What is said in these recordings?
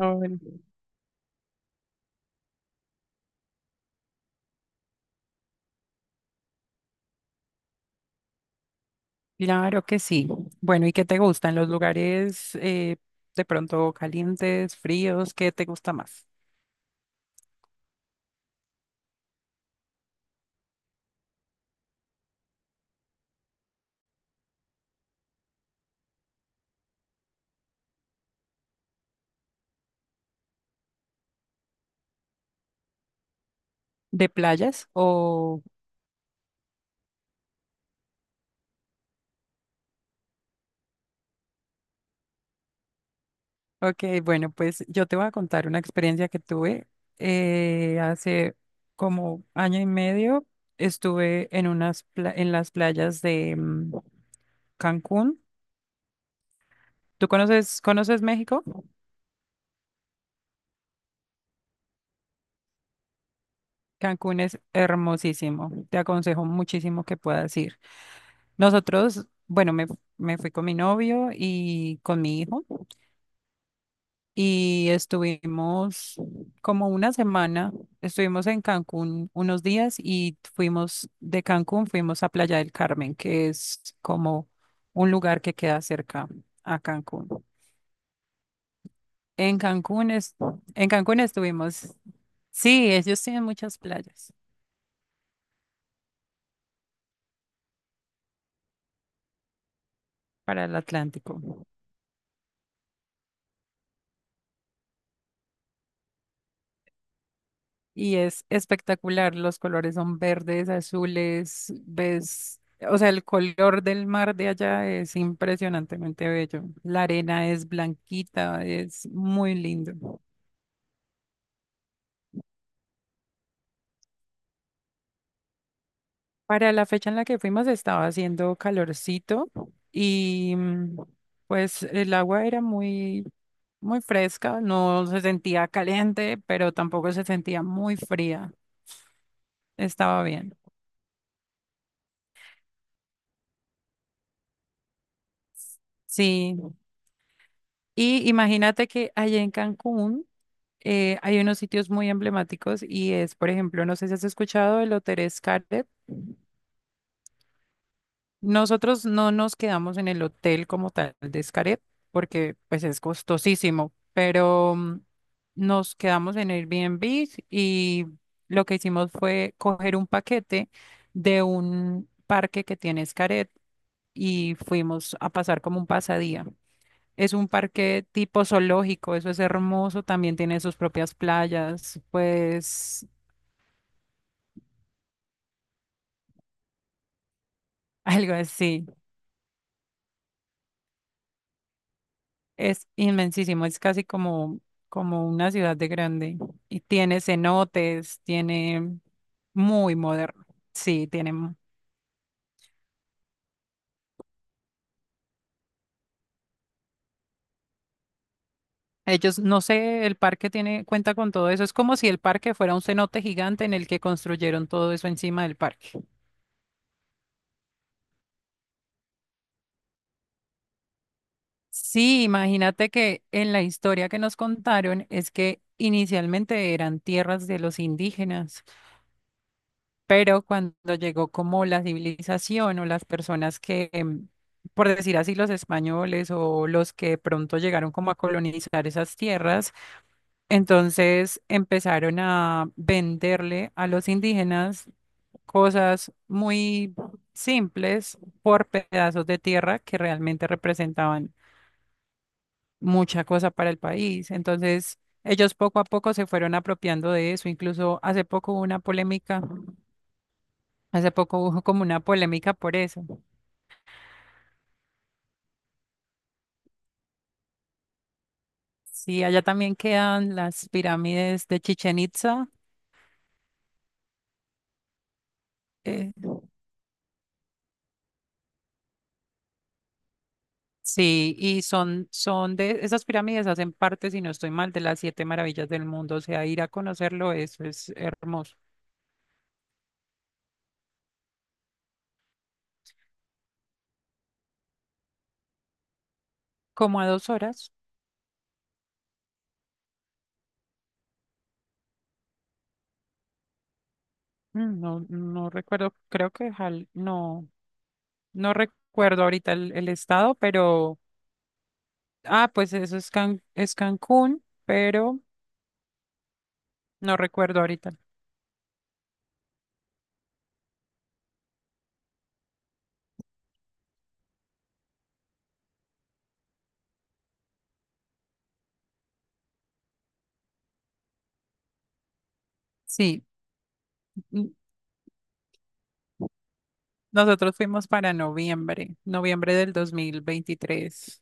Ay, claro que sí. Bueno, ¿y qué te gustan los lugares, de pronto calientes, fríos? ¿Qué te gusta más? ¿De playas? O, ok, bueno, pues yo te voy a contar una experiencia que tuve hace como año y medio. Estuve en en las playas de Cancún. ¿Tú conoces México? Cancún es hermosísimo. Te aconsejo muchísimo que puedas ir. Nosotros, bueno, me fui con mi novio y con mi hijo y estuvimos como una semana, estuvimos en Cancún unos días y fuimos de Cancún, fuimos a Playa del Carmen, que es como un lugar que queda cerca a Cancún. En Cancún es, en Cancún estuvimos, sí, ellos tienen muchas playas para el Atlántico. Y es espectacular. Los colores son verdes, azules, ves, o sea, el color del mar de allá es impresionantemente bello. La arena es blanquita, es muy lindo. Para la fecha en la que fuimos estaba haciendo calorcito y pues el agua era muy, muy fresca, no se sentía caliente, pero tampoco se sentía muy fría. Estaba bien. Sí. Y imagínate que allá en Cancún hay unos sitios muy emblemáticos y es, por ejemplo, no sé si has escuchado el Hotel Xcaret. Nosotros no nos quedamos en el hotel como tal de Xcaret porque pues es costosísimo, pero nos quedamos en Airbnb y lo que hicimos fue coger un paquete de un parque que tiene Xcaret y fuimos a pasar como un pasadía. Es un parque tipo zoológico, eso es hermoso, también tiene sus propias playas, pues algo así. Es inmensísimo, es casi como, como una ciudad de grande. Y tiene cenotes, tiene muy moderno. Sí, tienen. Ellos, no sé, el parque tiene, cuenta con todo eso. Es como si el parque fuera un cenote gigante en el que construyeron todo eso encima del parque. Sí, imagínate que en la historia que nos contaron es que inicialmente eran tierras de los indígenas. Pero cuando llegó como la civilización o las personas que, por decir así, los españoles o los que de pronto llegaron como a colonizar esas tierras, entonces empezaron a venderle a los indígenas cosas muy simples por pedazos de tierra que realmente representaban mucha cosa para el país. Entonces, ellos poco a poco se fueron apropiando de eso. Incluso hace poco hubo una polémica. Hace poco hubo como una polémica por eso. Sí, allá también quedan las pirámides de Chichen Itza. eh, sí, y son de, esas pirámides hacen parte, si no estoy mal, de las siete maravillas del mundo. O sea, ir a conocerlo, eso es hermoso. Como a 2 horas. No, no recuerdo, creo que no, no recuerdo ahorita el estado, pero, ah, pues eso es, es Cancún, pero no recuerdo ahorita. Sí. mm, Nosotros fuimos para noviembre, noviembre del 2023.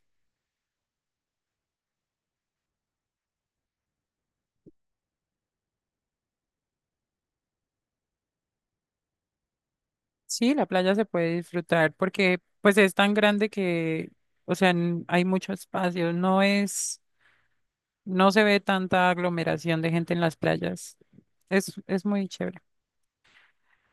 Sí, la playa se puede disfrutar porque pues es tan grande que, o sea, hay mucho espacio, no es, no se ve tanta aglomeración de gente en las playas. Es muy chévere.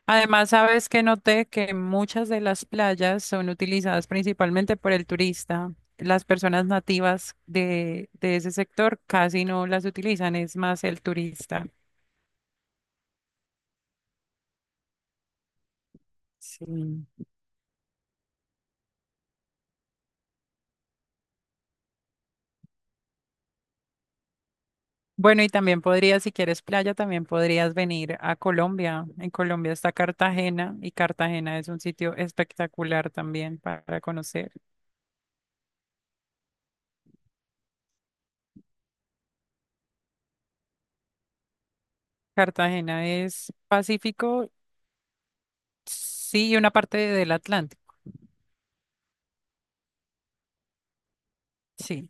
Además, sabes que noté que muchas de las playas son utilizadas principalmente por el turista. Las personas nativas de ese sector casi no las utilizan, es más el turista. Sí. Bueno, y también podrías, si quieres playa, también podrías venir a Colombia. En Colombia está Cartagena y Cartagena es un sitio espectacular también para conocer. Cartagena es Pacífico, sí, y una parte del Atlántico. Sí,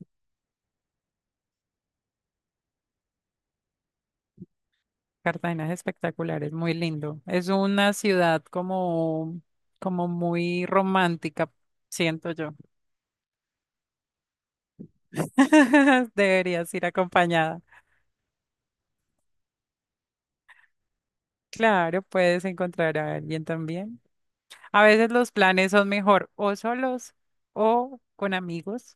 Cartagena es espectacular, es muy lindo. Es una ciudad como, como muy romántica, siento yo. Deberías ir acompañada. Claro, puedes encontrar a alguien también. A veces los planes son mejor o solos o con amigos.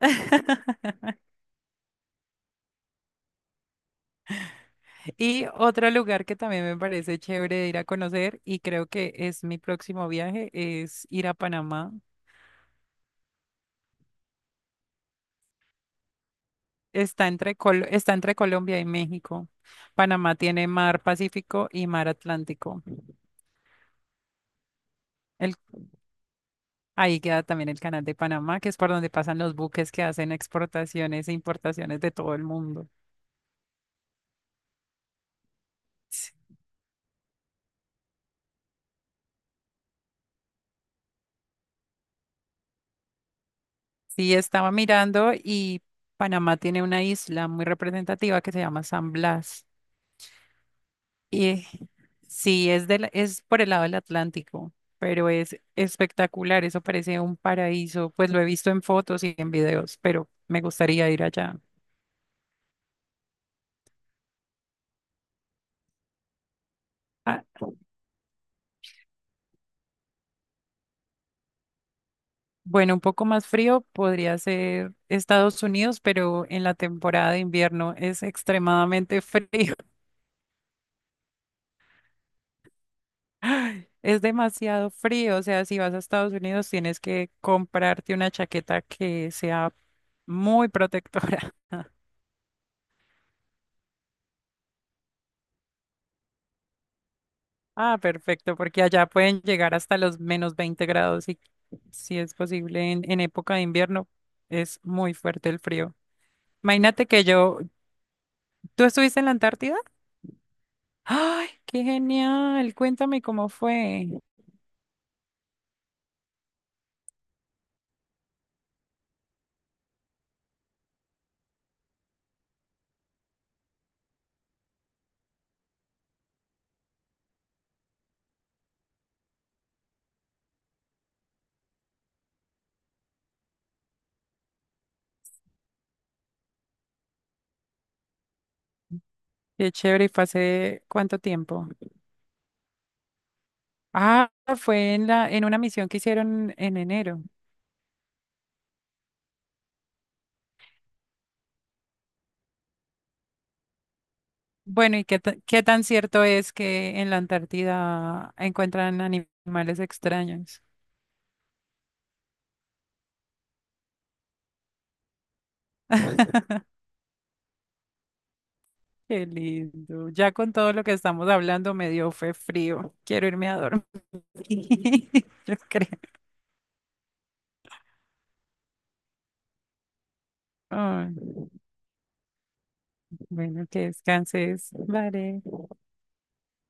Y otro lugar que también me parece chévere de ir a conocer y creo que es mi próximo viaje es ir a Panamá. Está entre Colombia y México. Panamá tiene mar Pacífico y mar Atlántico. El ahí queda también el canal de Panamá, que es por donde pasan los buques que hacen exportaciones e importaciones de todo el mundo. Sí. Sí, estaba mirando y Panamá tiene una isla muy representativa que se llama San Blas. Y sí, es por el lado del Atlántico, pero es espectacular, eso parece un paraíso. Pues lo he visto en fotos y en videos, pero me gustaría ir allá. Ah, bueno, un poco más frío podría ser Estados Unidos, pero en la temporada de invierno es extremadamente frío. Es demasiado frío, o sea, si vas a Estados Unidos tienes que comprarte una chaqueta que sea muy protectora. Ah, perfecto, porque allá pueden llegar hasta los -20 grados y si es posible en época de invierno es muy fuerte el frío. Imagínate que yo, ¿tú estuviste en la Antártida? ¡Ay, qué genial! Cuéntame cómo fue. Qué chévere, ¿y fue hace cuánto tiempo? Ah, fue en una misión que hicieron en enero. Bueno, ¿y qué tan cierto es que en la Antártida encuentran animales extraños? Qué lindo. Ya con todo lo que estamos hablando me dio fue frío. Quiero irme a dormir. Yo creo. Ay, bueno, que descanses. Vale.